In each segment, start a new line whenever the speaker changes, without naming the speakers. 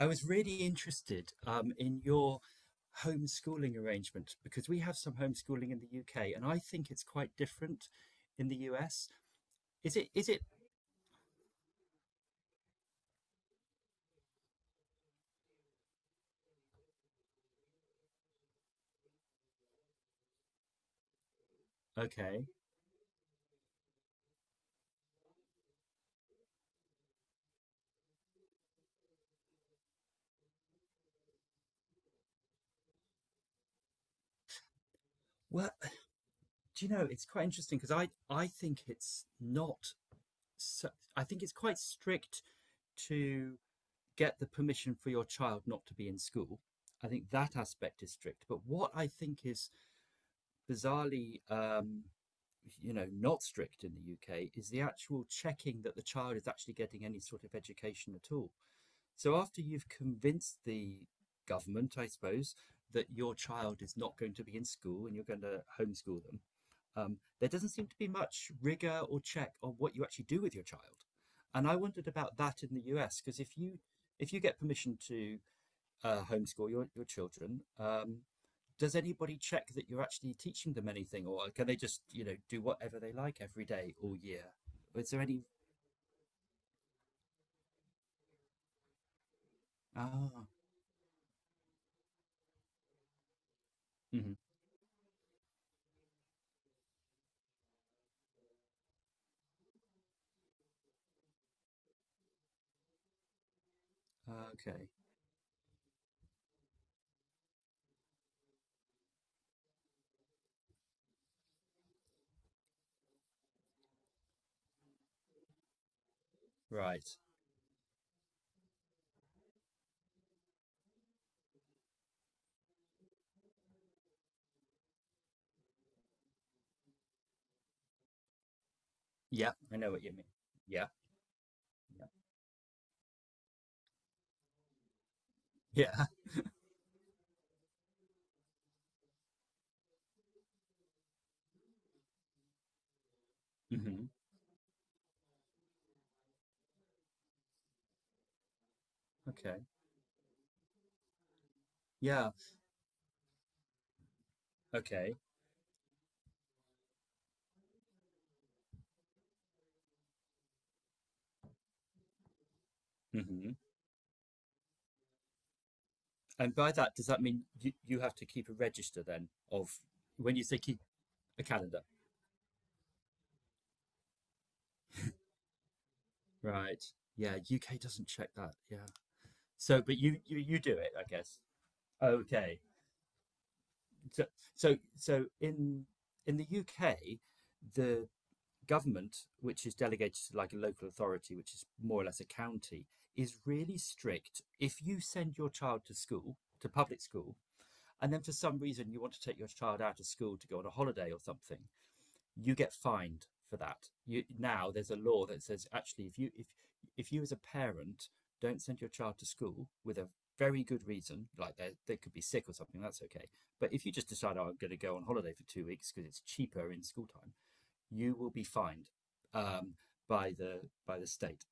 I was really interested in your homeschooling arrangement because we have some homeschooling in the UK, and I think it's quite different in the US. Is it? Is it okay? Well, do you know it's quite interesting because I think it's not. So, I think it's quite strict to get the permission for your child not to be in school. I think that aspect is strict. But what I think is bizarrely not strict in the UK is the actual checking that the child is actually getting any sort of education at all. So after you've convinced the government, I suppose, that your child is not going to be in school and you're going to homeschool them, there doesn't seem to be much rigor or check on what you actually do with your child. And I wondered about that in the US because if you get permission to homeschool your children, does anybody check that you're actually teaching them anything, or can they just do whatever they like every day all year? Is there any? Ah, mhm, okay, right. Yeah, I know what you mean. Yeah, yeah, yeah. hmm Okay, yeah, okay. hmm And by that, does that mean you have to keep a register then of when you say keep a calendar? Right. Yeah, UK doesn't check that. Yeah. So, but you do it, I guess. Okay. So, so in the UK, the government, which is delegated to like a local authority, which is more or less a county, is really strict. If you send your child to school, to public school, and then for some reason you want to take your child out of school to go on a holiday or something, you get fined for that. You, now there's a law that says actually, if you as a parent don't send your child to school with a very good reason, like they could be sick or something, that's okay. But if you just decide, oh, I'm going to go on holiday for 2 weeks because it's cheaper in school time, you will be fined um, by the state.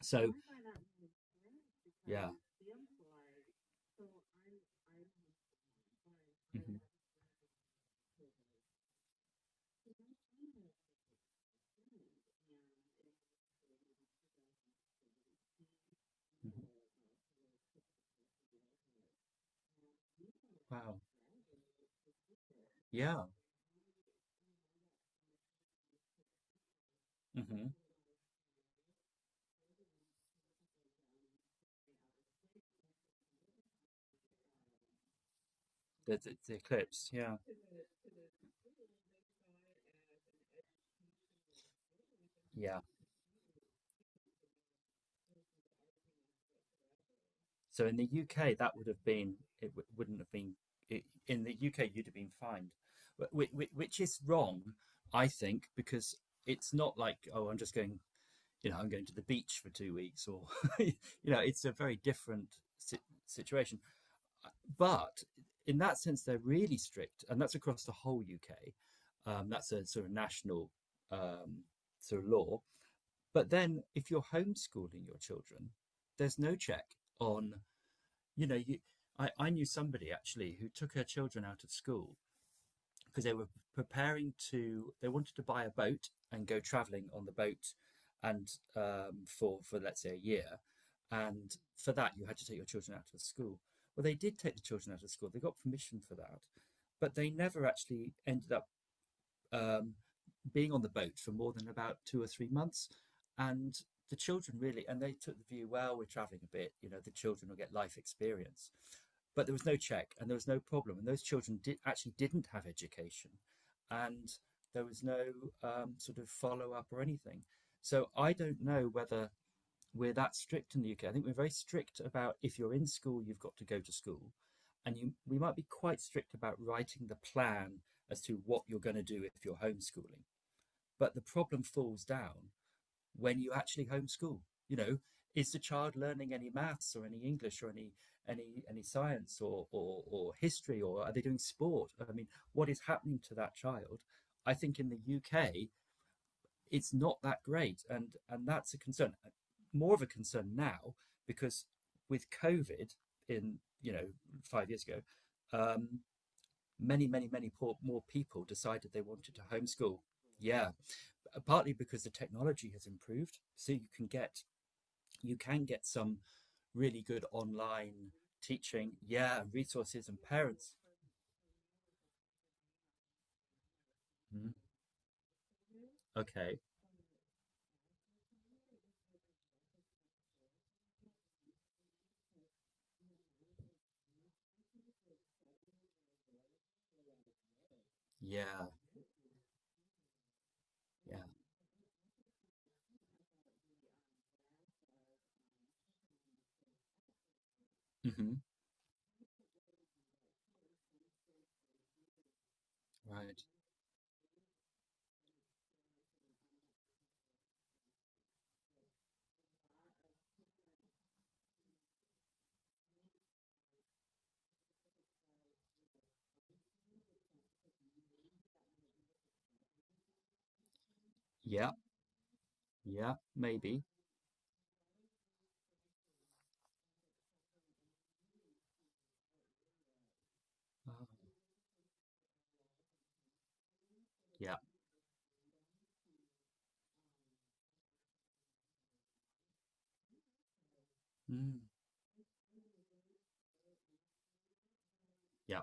So, yeah. Mhm. Wow, yeah. hmm the, the eclipse, yeah, yeah. So in the UK, that would have been wouldn't have been it, in the UK. You'd have been fined, Wh- which is wrong, I think, because it's not like oh, I'm just going. You know, I'm going to the beach for 2 weeks, or you know, it's a very different situation. But in that sense, they're really strict, and that's across the whole UK. That's a sort of national um, sort of law. But then, if you're homeschooling your children, there's no check on you know, you, I knew somebody actually who took her children out of school because they were preparing to, they wanted to buy a boat and go traveling on the boat and for let's say a year. And for that, you had to take your children out of the school. Well, they did take the children out of school. They got permission for that, but they never actually ended up um, being on the boat for more than about 2 or 3 months. And the children really, and they took the view, well, we're traveling a bit, you know, the children will get life experience. But there was no check and there was no problem. And those children did, actually didn't have education. And there was no sort of follow up or anything. So I don't know whether we're that strict in the UK. I think we're very strict about if you're in school, you've got to go to school. And you, we might be quite strict about writing the plan as to what you're going to do if you're homeschooling. But the problem falls down when you actually homeschool. You know, is the child learning any maths or any English or any science or or history or are they doing sport? I mean, what is happening to that child? I think in the UK it's not that great, and that's a concern. More of a concern now because with COVID in you know 5 years ago, um, many more people decided they wanted to homeschool. Yeah, partly because the technology has improved. So you can get some really good online teaching. Yeah, resources and parents. Mm, okay. Yeah. Yeah. hmm Right. Yeah. Yeah. Maybe. Uh, yeah. Mm, yeah.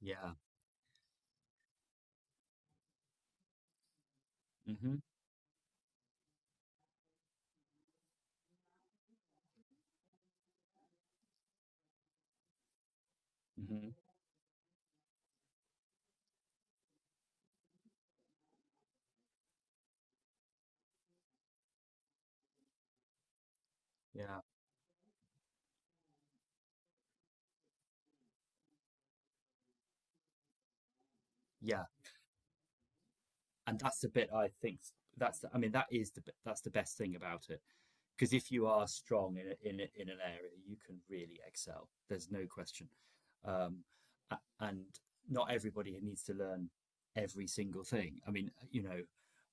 Yeah. hmm hmm Yeah. Yeah. And that's the bit I think that's the, I mean that is the that's the best thing about it, because if you are strong in an area, you can really excel. There's no question, um, and not everybody needs to learn every single thing. I mean, you know,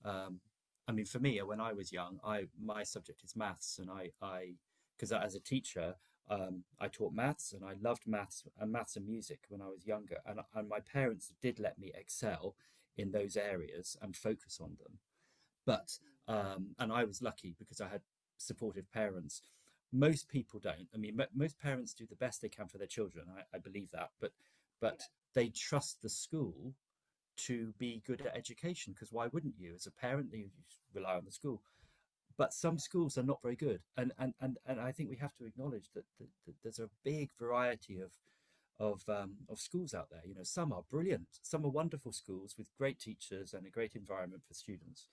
um, I mean, for me, when I was young, I my subject is maths, and I because as a teacher, I taught maths, and I loved maths and maths and music when I was younger, and my parents did let me excel in those areas and focus on them but and I was lucky because I had supportive parents. Most people don't. I mean, most parents do the best they can for their children. I believe that, but yeah, they trust the school to be good at education because why wouldn't you as a parent you rely on the school but some schools are not very good and and I think we have to acknowledge that there's a big variety of schools out there. You know, some are brilliant, some are wonderful schools with great teachers and a great environment for students.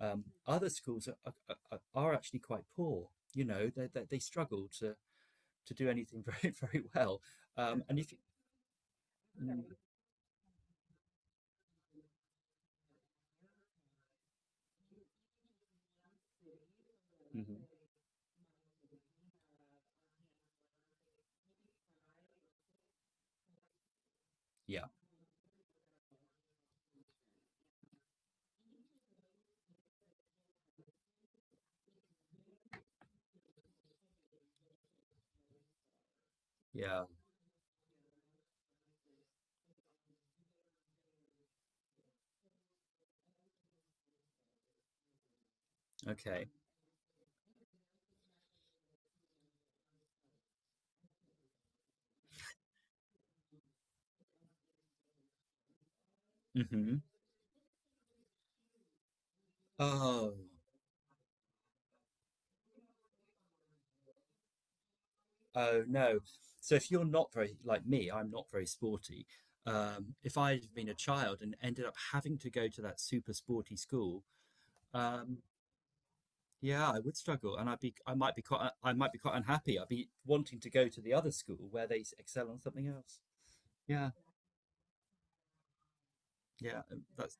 Other schools are actually quite poor. You know, they struggle to do anything very well. And if you, mhm, yeah, yeah, okay, hmm oh, oh no. So if you're not very like me, I'm not very sporty. If I'd been a child and ended up having to go to that super sporty school, um, yeah, I would struggle, and I might be quite, I might be quite unhappy. I'd be wanting to go to the other school where they excel on something else. Yeah, yeah, that's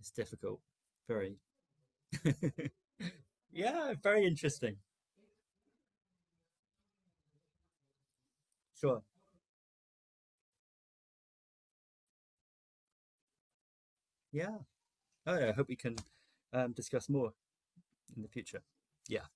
it's difficult. Very, yeah, very interesting. Sure. Yeah. Oh, yeah, I hope we can discuss more in the future. Yeah.